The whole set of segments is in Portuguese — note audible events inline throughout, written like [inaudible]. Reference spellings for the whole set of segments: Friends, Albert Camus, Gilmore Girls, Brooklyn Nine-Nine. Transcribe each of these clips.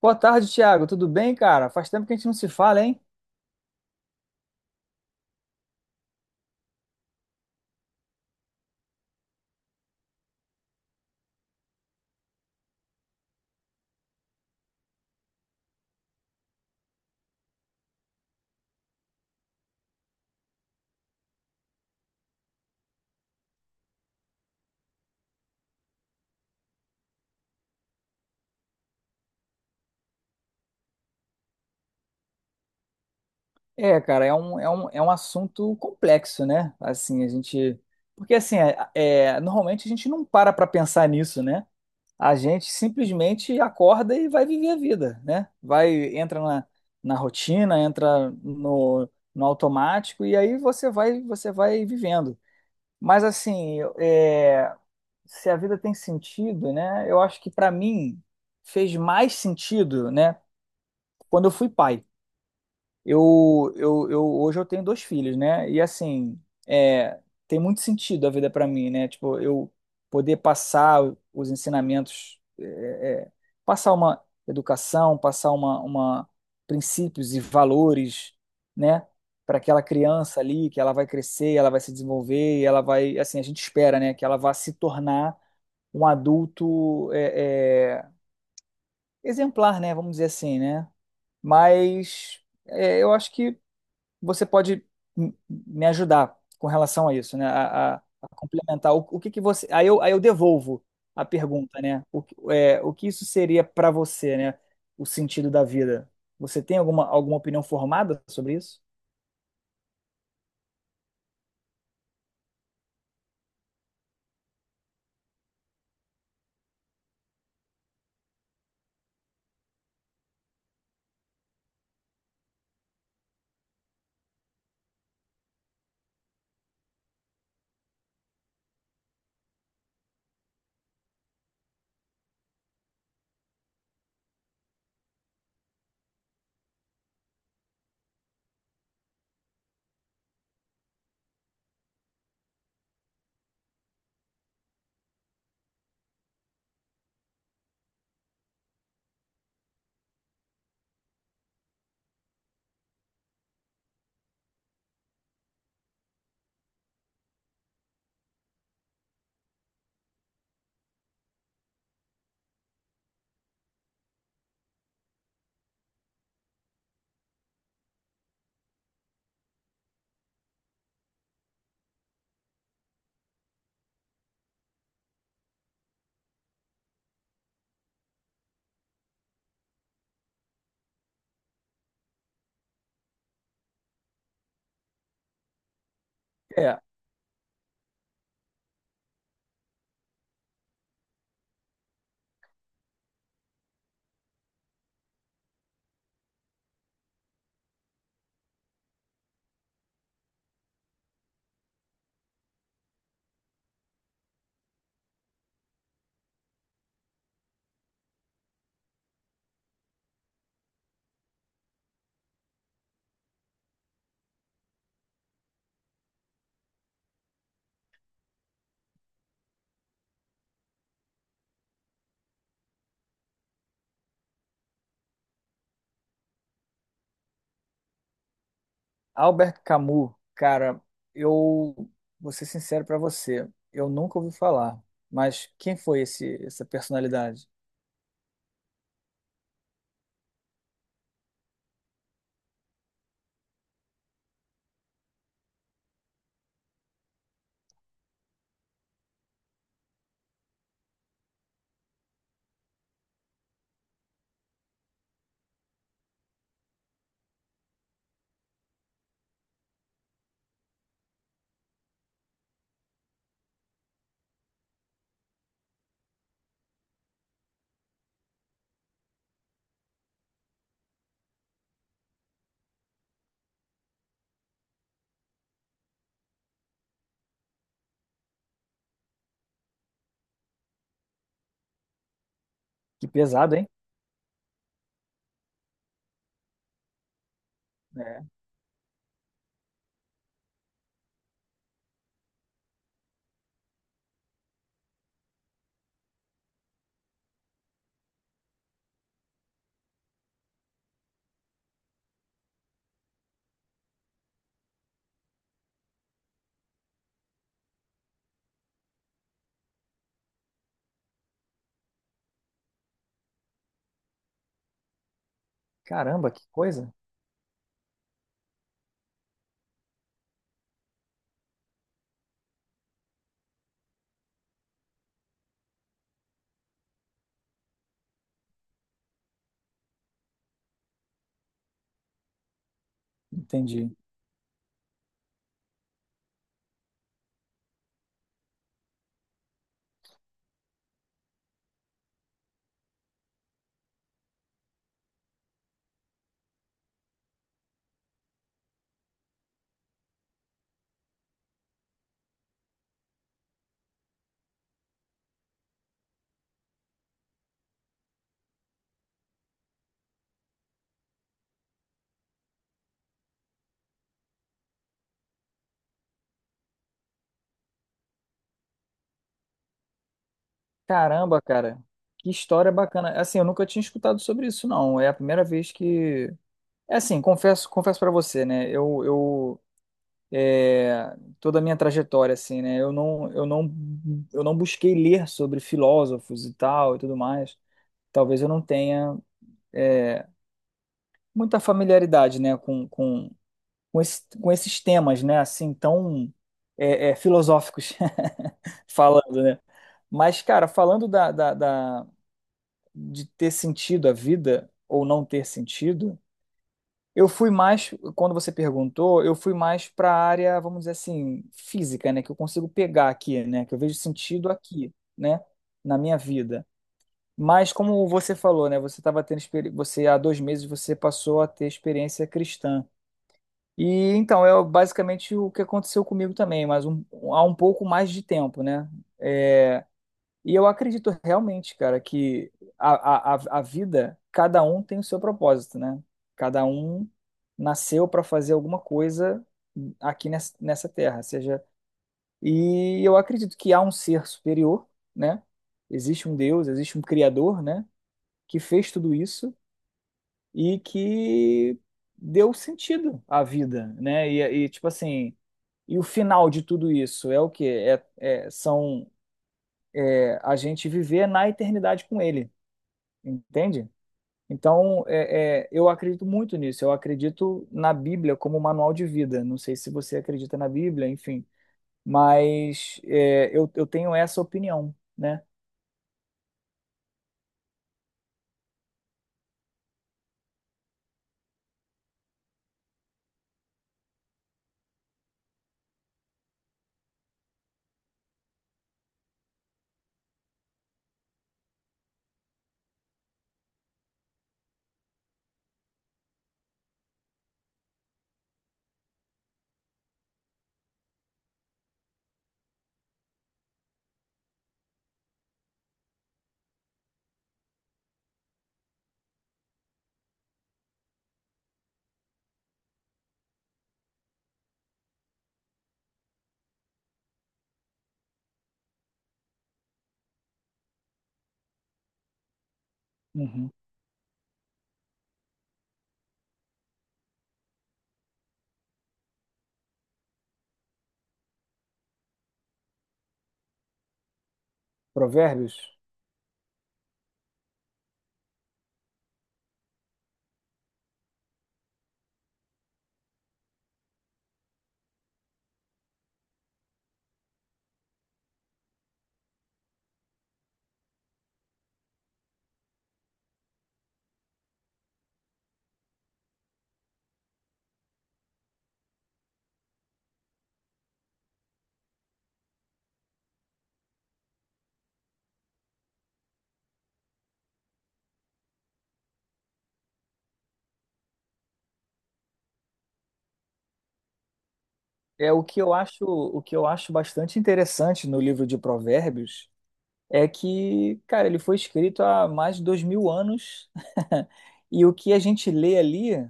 Boa tarde, Thiago. Tudo bem, cara? Faz tempo que a gente não se fala, hein? É, cara, é um assunto complexo, né? Assim, a gente. Porque, assim, normalmente a gente não para pra pensar nisso, né? A gente simplesmente acorda e vai viver a vida, né? Vai, entra na rotina, entra no automático e aí você vai vivendo. Mas, assim, se a vida tem sentido, né? Eu acho que pra mim fez mais sentido, né, quando eu fui pai. Eu Hoje eu tenho dois filhos, né? E assim, é, tem muito sentido a vida para mim, né? Tipo, eu poder passar os ensinamentos, passar uma educação, passar uma princípios e valores, né? Para aquela criança ali, que ela vai crescer, ela vai se desenvolver, e ela vai, assim, a gente espera, né? Que ela vá se tornar um adulto exemplar, né? Vamos dizer assim, né? Mas eu acho que você pode me ajudar com relação a isso, né? A, complementar. O que que você. Aí eu devolvo a pergunta, né? O que isso seria para você, né? O sentido da vida. Você tem alguma opinião formada sobre isso? É, Albert Camus, cara, eu vou ser sincero para você, eu nunca ouvi falar. Mas quem foi esse, essa personalidade? Que pesado, hein? Caramba, que coisa. Entendi. Caramba, cara. Que história bacana. Assim, eu nunca tinha escutado sobre isso, não. É a primeira vez que. É assim, confesso para você, né? Eu toda a minha trajetória, assim, né? Eu não busquei ler sobre filósofos e tal e tudo mais. Talvez eu não tenha é, muita familiaridade, né, com esses temas, né, assim, tão filosóficos [laughs] falando, né? Mas, cara, falando de ter sentido a vida ou não ter sentido, eu fui mais, quando você perguntou, eu fui mais para a área, vamos dizer assim, física, né, que eu consigo pegar aqui, né, que eu vejo sentido aqui, né, na minha vida. Mas como você falou, né, você estava tendo experi- você há 2 meses você passou a ter experiência cristã. E então é basicamente o que aconteceu comigo também, mas um, há um pouco mais de tempo, né? É, e eu acredito realmente, cara, que a vida, cada um tem o seu propósito, né? Cada um nasceu para fazer alguma coisa aqui nessa terra, seja. E eu acredito que há um ser superior, né? Existe um Deus, existe um Criador, né? Que fez tudo isso e que deu sentido à vida, né? E tipo assim, e o final de tudo isso é o quê? É, é, são a gente viver na eternidade com Ele, entende? Então, eu acredito muito nisso. Eu acredito na Bíblia como manual de vida. Não sei se você acredita na Bíblia, enfim, mas eu tenho essa opinião, né? Uhum. Provérbios. O que eu acho bastante interessante no livro de Provérbios é que, cara, ele foi escrito há mais de 2 mil anos [laughs] e o que a gente lê ali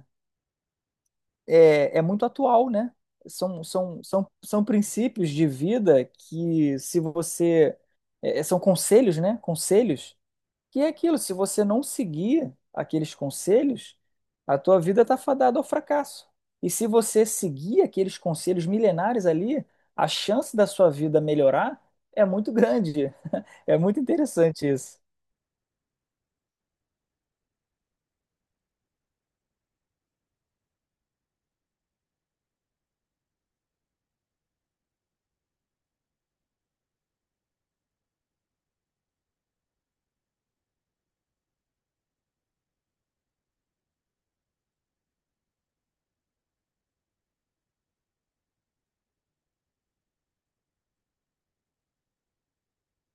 é muito atual, né? São princípios de vida que, se você. São conselhos, né? Conselhos. Que é aquilo, se você não seguir aqueles conselhos, a tua vida está fadada ao fracasso. E se você seguir aqueles conselhos milenares ali, a chance da sua vida melhorar é muito grande. [laughs] É muito interessante isso.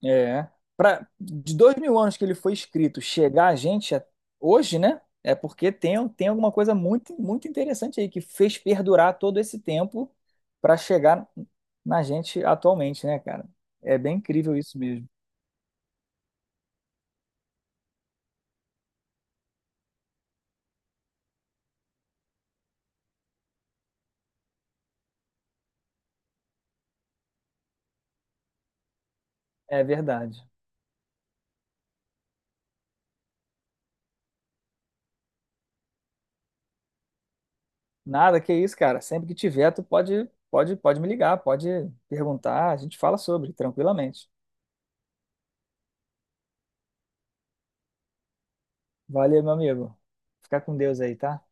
É. De 2 mil anos que ele foi escrito, chegar a gente hoje, né? É porque tem alguma coisa muito, muito interessante aí que fez perdurar todo esse tempo para chegar na gente atualmente, né, cara? É bem incrível isso mesmo. É verdade. Nada que isso, cara. Sempre que tiver, tu pode, me ligar, pode perguntar, a gente fala sobre, tranquilamente. Valeu, meu amigo. Fica com Deus aí, tá?